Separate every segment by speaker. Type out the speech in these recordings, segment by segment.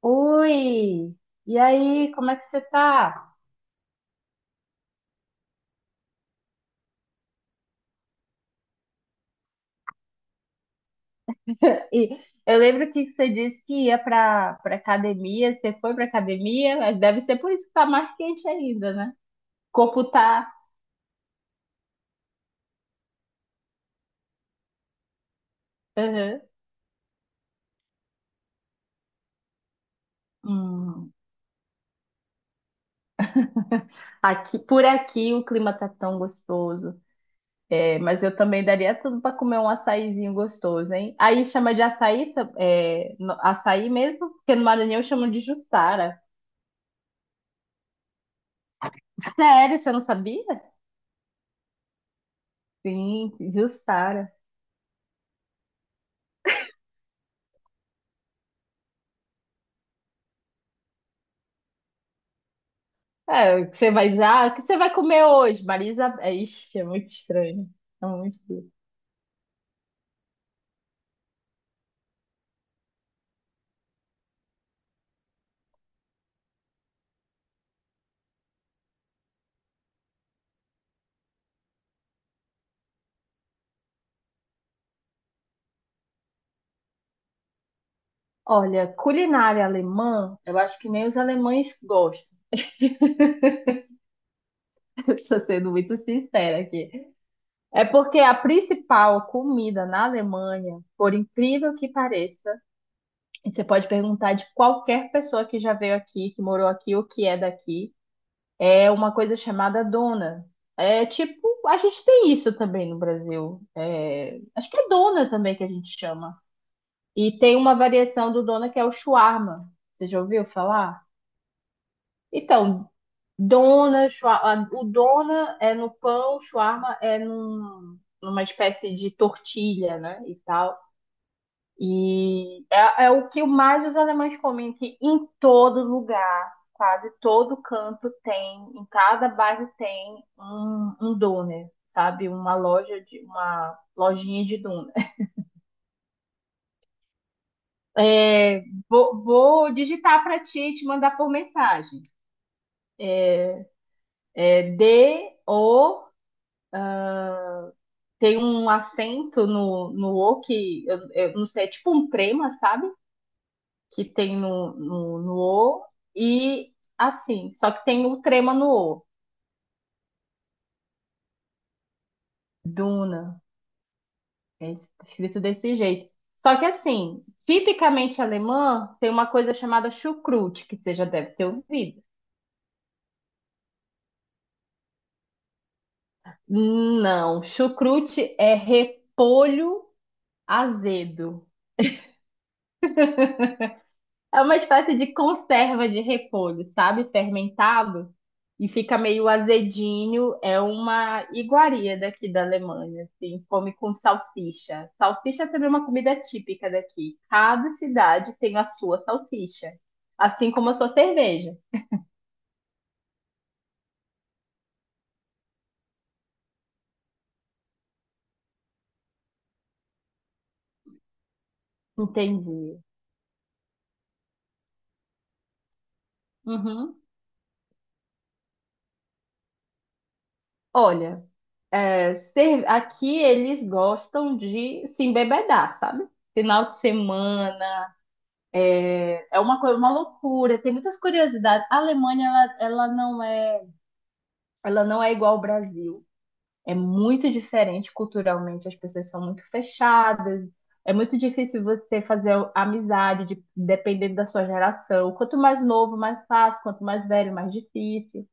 Speaker 1: Oi! E aí, como é que você tá? E eu lembro que você disse que ia pra academia, você foi pra academia, mas deve ser por isso que tá mais quente ainda, né? O corpo tá. Uhum. Hum. Aqui, por aqui o clima tá tão gostoso. É, mas eu também daria tudo pra comer um açaizinho gostoso, hein? Aí chama de açaí, açaí mesmo, porque no Maranhão chamam de jussara. Sério, você não sabia? Sim, jussara. É, o que você vai dizer, ah, o que você vai comer hoje, Marisa? É, Ixi, é muito estranho. É muito duro. Olha, culinária alemã, eu acho que nem os alemães gostam. Estou sendo muito sincera aqui. É porque a principal comida na Alemanha, por incrível que pareça, e você pode perguntar de qualquer pessoa que já veio aqui, que morou aqui ou que é daqui, é uma coisa chamada dona. É tipo, a gente tem isso também no Brasil. É, acho que é dona também que a gente chama. E tem uma variação do dona que é o shawarma. Você já ouviu falar? Então, dona, o dona é no pão, o shawarma é numa espécie de tortilha, né? E tal. E é o que mais os alemães comem, que em todo lugar, quase todo canto tem, em cada bairro tem um doner, sabe? Uma loja de uma lojinha de doner. É, vou digitar para ti e te mandar por mensagem. É, é D, O, tem um acento no O que eu não sei, é tipo um trema, sabe? Que tem no O e assim, só que tem o trema no O. Duna, é escrito desse jeito. Só que assim, tipicamente alemã tem uma coisa chamada chucrute, que você já deve ter ouvido. Não, chucrute é repolho azedo. É uma espécie de conserva de repolho, sabe? Fermentado. E fica meio azedinho. É uma iguaria daqui da Alemanha, assim. Come com salsicha. Salsicha também é uma comida típica daqui. Cada cidade tem a sua salsicha. Assim como a sua cerveja. Entendi. Uhum. Olha, aqui eles gostam de se embebedar, sabe? Final de semana. É uma coisa, uma loucura, tem muitas curiosidades. A Alemanha, ela não é igual ao Brasil. É muito diferente culturalmente, as pessoas são muito fechadas. É muito difícil você fazer amizade, dependendo da sua geração. Quanto mais novo, mais fácil, quanto mais velho, mais difícil.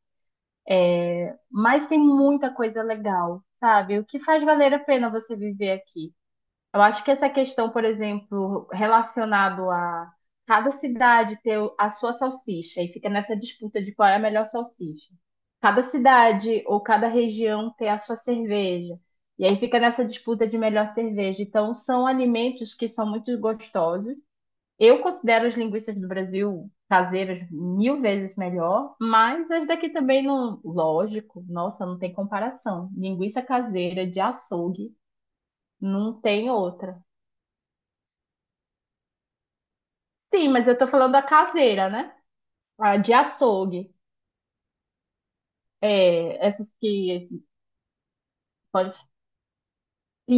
Speaker 1: Mas tem muita coisa legal, sabe? O que faz valer a pena você viver aqui. Eu acho que essa questão, por exemplo, relacionado a cada cidade ter a sua salsicha e fica nessa disputa de qual é a melhor salsicha. Cada cidade ou cada região ter a sua cerveja. E aí fica nessa disputa de melhor cerveja. Então, são alimentos que são muito gostosos. Eu considero as linguiças do Brasil caseiras mil vezes melhor, mas as daqui também não, lógico, nossa, não tem comparação. Linguiça caseira de açougue não tem outra. Sim, mas eu tô falando a caseira, né? A de açougue. É, essas que pode. E,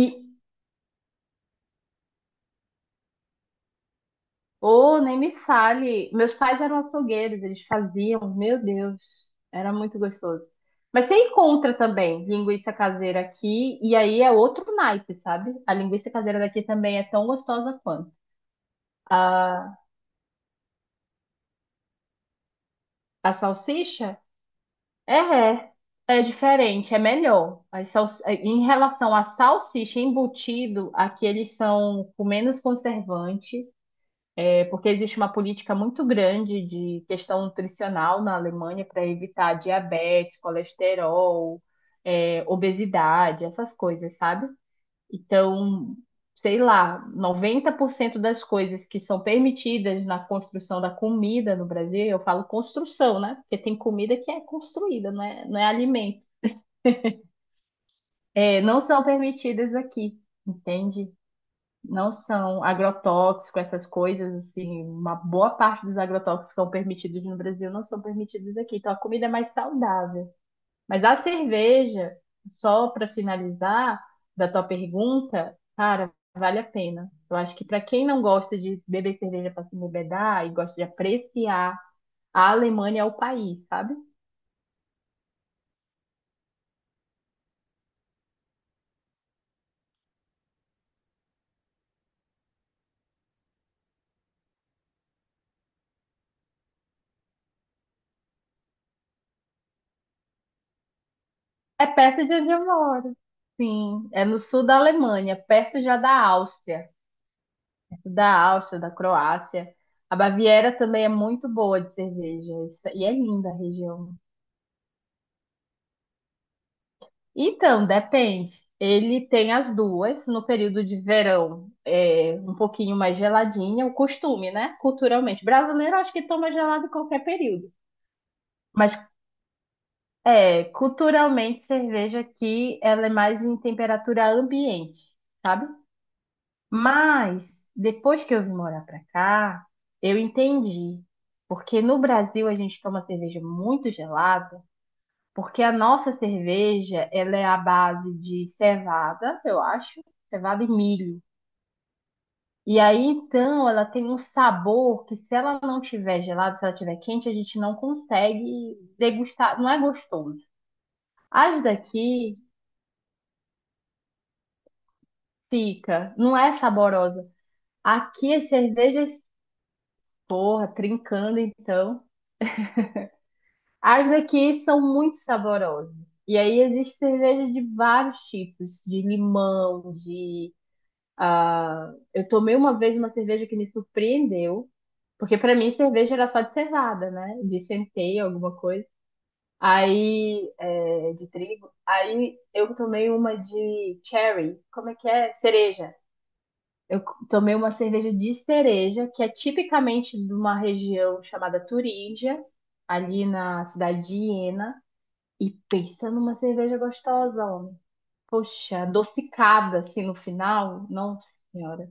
Speaker 1: oh, nem me fale. Meus pais eram açougueiros, eles faziam, meu Deus, era muito gostoso. Mas você encontra também linguiça caseira aqui, e aí é outro naipe, sabe? A linguiça caseira daqui também é tão gostosa quanto. A, a salsicha É, é É diferente, é melhor. Em relação à salsicha embutido, aqui eles são com menos conservante, porque existe uma política muito grande de questão nutricional na Alemanha para evitar diabetes, colesterol, obesidade, essas coisas, sabe? Então, sei lá, 90% das coisas que são permitidas na construção da comida no Brasil, eu falo construção, né? Porque tem comida que é construída, não é alimento. É, não são permitidas aqui, entende? Não são agrotóxico, essas coisas, assim, uma boa parte dos agrotóxicos que são permitidos no Brasil não são permitidos aqui. Então, a comida é mais saudável. Mas a cerveja, só para finalizar da tua pergunta, cara, vale a pena. Eu acho que para quem não gosta de beber cerveja para se embebedar e gosta de apreciar, a Alemanha é o país, sabe? É perto de onde eu moro. Sim, é no sul da Alemanha, perto já da Áustria, perto da Áustria, da Croácia. A Baviera também é muito boa de cerveja, e é linda a região. Então, depende. Ele tem as duas. No período de verão, é um pouquinho mais geladinha, o costume, né? Culturalmente, brasileiro, acho que toma gelado em qualquer período. Mas, culturalmente, cerveja aqui, ela é mais em temperatura ambiente, sabe? Mas, depois que eu vim morar pra cá, eu entendi. Porque no Brasil a gente toma cerveja muito gelada. Porque a nossa cerveja, ela é à base de cevada, eu acho, cevada e milho. E aí, então, ela tem um sabor que se ela não tiver gelada, se ela tiver quente, a gente não consegue degustar, não é gostoso. As daqui fica, não é saborosa. Aqui as cervejas, porra, trincando então. As daqui são muito saborosas. E aí existe cerveja de vários tipos, de limão, de. Ah, eu tomei uma vez uma cerveja que me surpreendeu, porque pra mim cerveja era só de cevada, né? De centeio, alguma coisa. Aí, de trigo. Aí eu tomei uma de cherry. Como é que é? Cereja. Eu tomei uma cerveja de cereja, que é tipicamente de uma região chamada Turíngia, ali na cidade de Iena. E pensa numa cerveja gostosa, homem. Poxa, adocicada assim no final. Nossa senhora.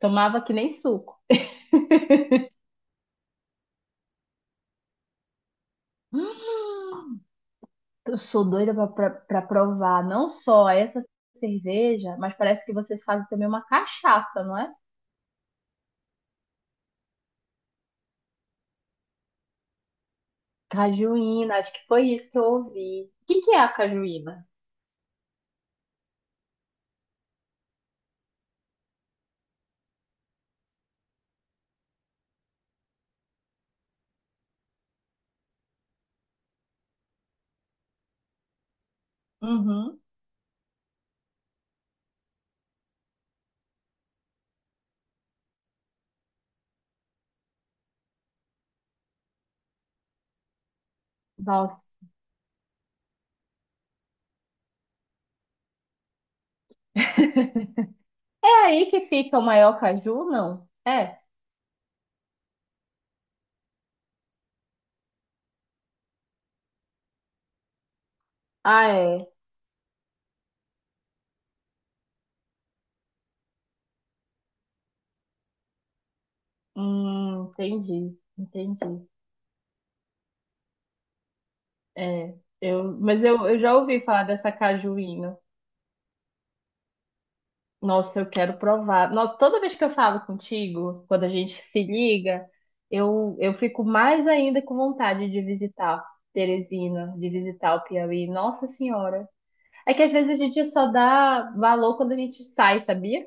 Speaker 1: Tomava que nem suco. Hum, eu sou doida pra provar não só essa cerveja, mas parece que vocês fazem também uma cachaça, não é? Cajuína, acho que foi isso que eu ouvi. O que que é a cajuína? Uhum. Nossa. É aí que fica o maior caju, não? É. Ah, é. Entendi, entendi. É. Mas eu já ouvi falar dessa cajuína. Nossa, eu quero provar. Nossa, toda vez que eu falo contigo, quando a gente se liga, eu fico mais ainda com vontade de visitar Teresina, de visitar o Piauí. Nossa Senhora. É que às vezes a gente só dá valor quando a gente sai, sabia?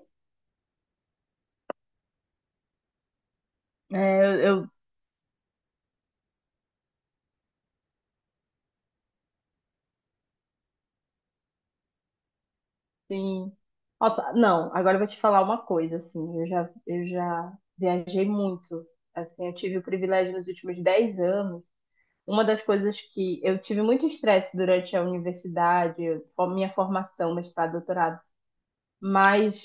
Speaker 1: É, eu sim. Nossa, não, agora eu vou te falar uma coisa, assim, eu já viajei muito. Assim, eu tive o privilégio nos últimos 10 anos. Uma das coisas que eu tive muito estresse durante a universidade, a minha formação, mestrado, doutorado, mas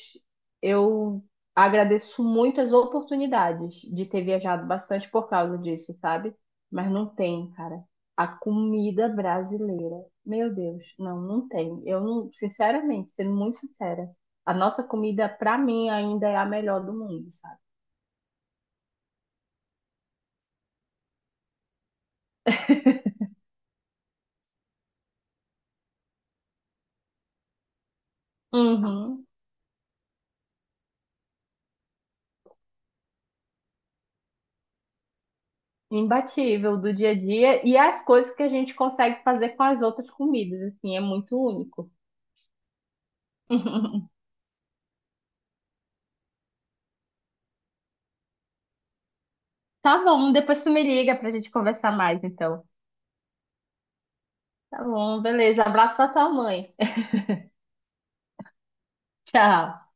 Speaker 1: eu agradeço muito as oportunidades de ter viajado bastante por causa disso, sabe? Mas não tem, cara. A comida brasileira, meu Deus, não, não tem. Eu não, sinceramente, sendo muito sincera, a nossa comida, pra mim, ainda é a melhor do mundo, sabe? Uhum. Imbatível do dia a dia e as coisas que a gente consegue fazer com as outras comidas, assim, é muito único. Tá bom, depois tu me liga pra gente conversar mais, então. Tá bom, beleza. Abraço pra tua mãe. Tchau.